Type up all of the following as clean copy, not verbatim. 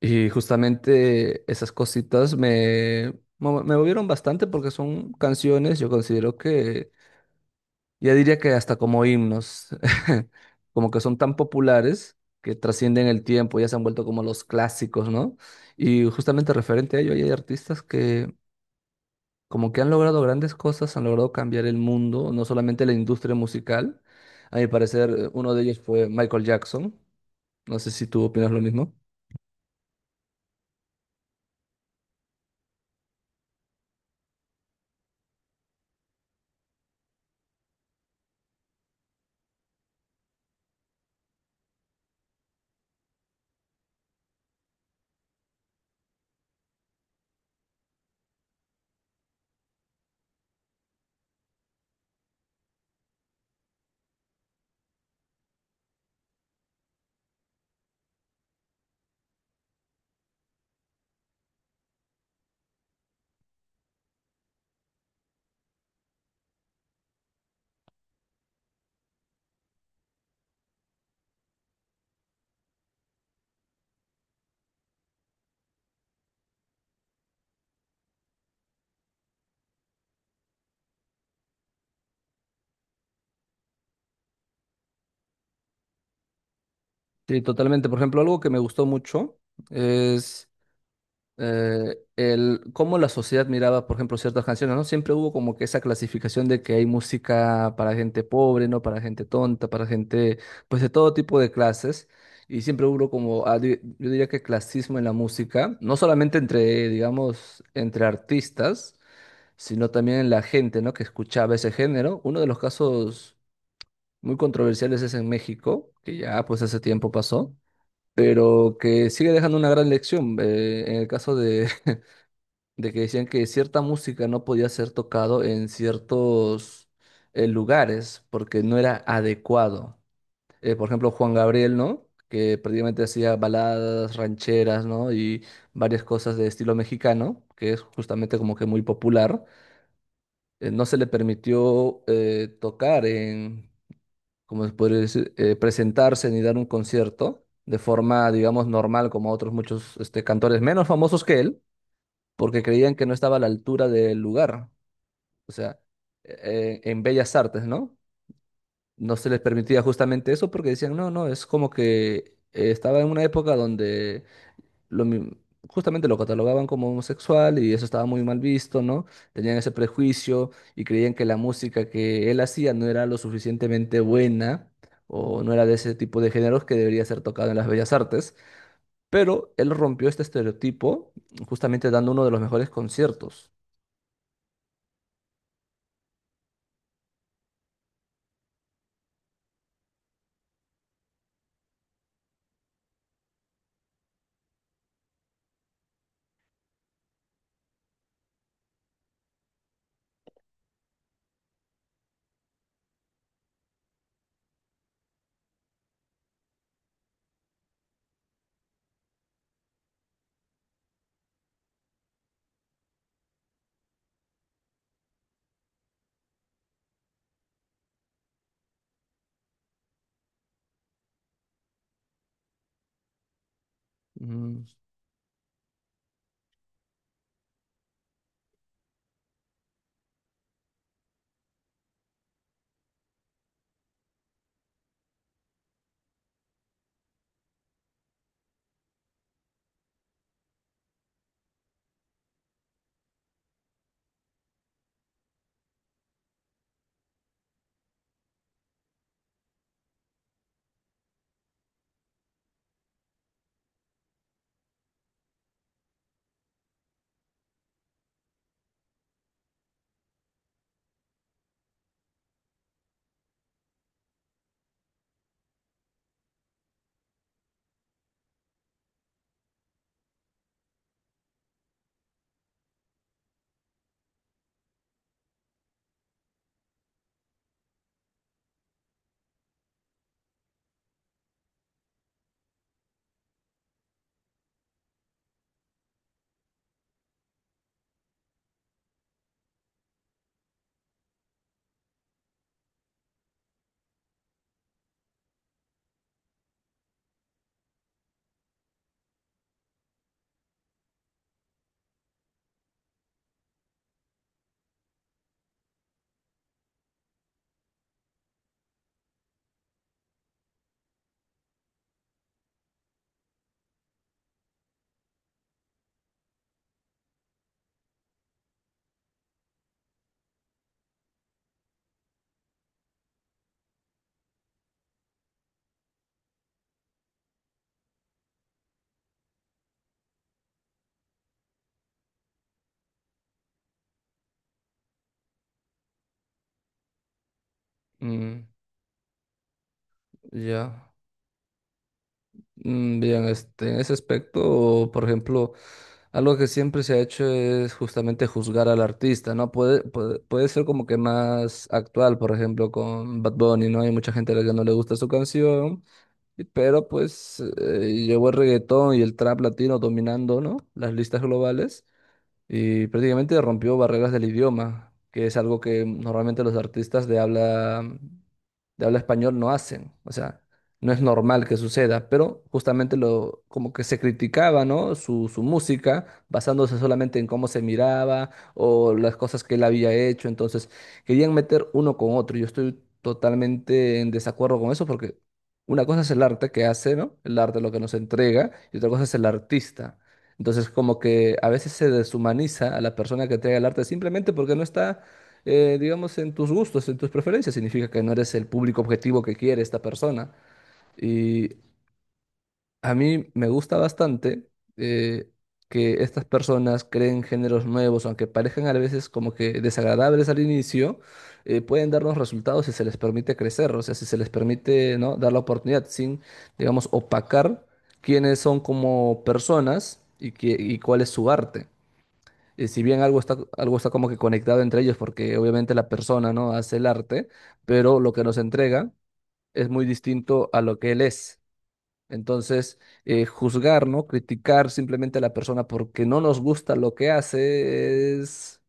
Y justamente esas cositas me, me movieron bastante porque son canciones, yo considero que ya diría que hasta como himnos, como que son tan populares que trascienden el tiempo, ya se han vuelto como los clásicos, ¿no? Y justamente referente a ello, hay artistas que como que han logrado grandes cosas, han logrado cambiar el mundo, no solamente la industria musical. A mi parecer, uno de ellos fue Michael Jackson. No sé si tú opinas lo mismo. Sí, totalmente. Por ejemplo, algo que me gustó mucho es el cómo la sociedad miraba, por ejemplo, ciertas canciones, ¿no? Siempre hubo como que esa clasificación de que hay música para gente pobre, ¿no? Para gente tonta, para gente, pues de todo tipo de clases. Y siempre hubo como, ah, yo diría que clasismo en la música, no solamente entre, digamos, entre artistas, sino también en la gente, ¿no? Que escuchaba ese género. Uno de los casos muy controversiales es en México, que ya pues hace tiempo pasó pero que sigue dejando una gran lección. En el caso de, de que decían que cierta música no podía ser tocado en ciertos lugares porque no era adecuado. Por ejemplo, Juan Gabriel, ¿no? Que prácticamente hacía baladas rancheras, ¿no? Y varias cosas de estilo mexicano, que es justamente como que muy popular. No se le permitió tocar en, como se podría decir, presentarse ni dar un concierto de forma, digamos, normal, como otros muchos este, cantores menos famosos que él, porque creían que no estaba a la altura del lugar. O sea, en Bellas Artes, ¿no? No se les permitía justamente eso porque decían, no, no, es como que estaba en una época donde lo mi- justamente lo catalogaban como homosexual y eso estaba muy mal visto, ¿no? Tenían ese prejuicio y creían que la música que él hacía no era lo suficientemente buena o no era de ese tipo de géneros que debería ser tocado en las bellas artes, pero él rompió este estereotipo justamente dando uno de los mejores conciertos. Mm, mm, ya. Mm, bien, este, en ese aspecto, por ejemplo, algo que siempre se ha hecho es justamente juzgar al artista, ¿no? Puede, puede ser como que más actual, por ejemplo, con Bad Bunny, ¿no? Hay mucha gente a la que no le gusta su canción, y- pero pues llegó el reggaetón y el trap latino dominando, ¿no? Las listas globales y prácticamente rompió barreras del idioma, que es algo que normalmente los artistas de habla español no hacen. O sea, no es normal que suceda, pero justamente lo, como que se criticaba, ¿no? Su música, basándose solamente en cómo se miraba o las cosas que él había hecho. Entonces, querían meter uno con otro. Yo estoy totalmente en desacuerdo con eso porque una cosa es el arte que hace, ¿no? El arte lo que nos entrega y otra cosa es el artista. Entonces, como que a veces se deshumaniza a la persona que entrega el arte simplemente porque no está, digamos, en tus gustos, en tus preferencias. Significa que no eres el público objetivo que quiere esta persona. Y a mí me gusta bastante eh, que estas personas creen géneros nuevos, aunque parezcan a veces como que desagradables al inicio, pueden darnos resultados si se les permite crecer, o sea, si se les permite, ¿no? Dar la oportunidad sin, digamos, opacar quiénes son como personas y, que, y cuál es su arte. Si bien algo está como que conectado entre ellos, porque obviamente la persona, ¿no? hace el arte, pero lo que nos entrega es muy distinto a lo que él es. Entonces, juzgar, ¿no? Criticar simplemente a la persona porque no nos gusta lo que hace es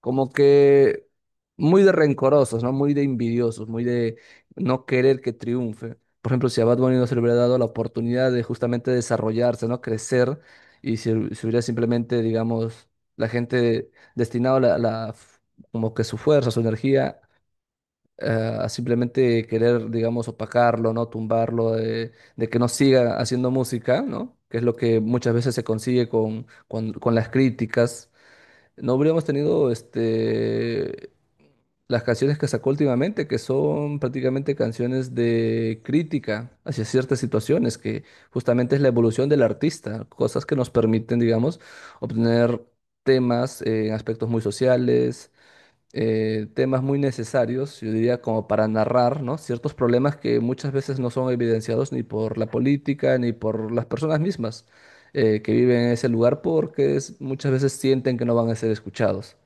como que muy de rencorosos, ¿no? Muy de envidiosos, muy de no querer que triunfe. Por ejemplo, si a Bad Bunny no se le hubiera dado la oportunidad de justamente desarrollarse, ¿no? Crecer y si, si hubiera simplemente, digamos, la gente destinado la, como que su fuerza, su energía a simplemente querer, digamos, opacarlo, ¿no? Tumbarlo, de que no siga haciendo música, ¿no? Que es lo que muchas veces se consigue con las críticas. No habríamos tenido este, las canciones que sacó últimamente, que son prácticamente canciones de crítica hacia ciertas situaciones, que justamente es la evolución del artista, cosas que nos permiten, digamos, obtener temas en aspectos muy sociales, temas muy necesarios, yo diría como para narrar, ¿no? Ciertos problemas que muchas veces no son evidenciados ni por la política ni por las personas mismas que viven en ese lugar porque es- muchas veces sienten que no van a ser escuchados.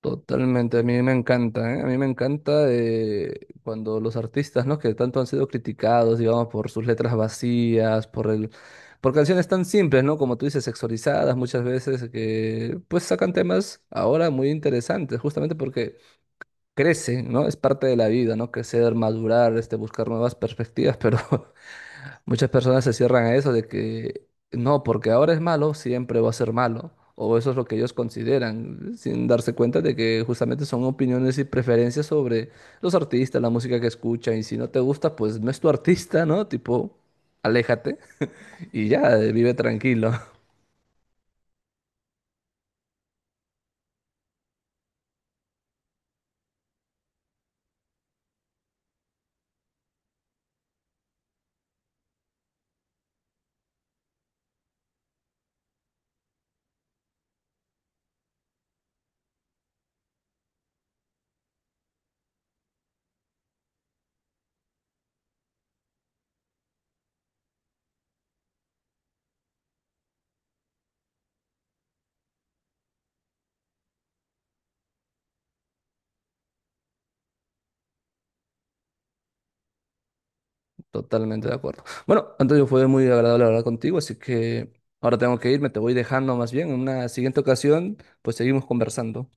Totalmente, a mí me encanta, ¿eh? A mí me encanta cuando los artistas, ¿no? Que tanto han sido criticados, digamos, por sus letras vacías, por el, por canciones tan simples, ¿no? Como tú dices, sexualizadas muchas veces, que pues sacan temas ahora muy interesantes, justamente porque crece, ¿no? Es parte de la vida, ¿no? Crecer, madurar, este, buscar nuevas perspectivas, pero muchas personas se cierran a eso de que no, porque ahora es malo, siempre va a ser malo, o eso es lo que ellos consideran, sin darse cuenta de que justamente son opiniones y preferencias sobre los artistas, la música que escuchan, y si no te gusta, pues no es tu artista, ¿no? Tipo, aléjate y ya, vive tranquilo. Totalmente de acuerdo. Bueno, Antonio, fue muy agradable hablar contigo, así que ahora tengo que irme, te voy dejando más bien. En una siguiente ocasión, pues seguimos conversando.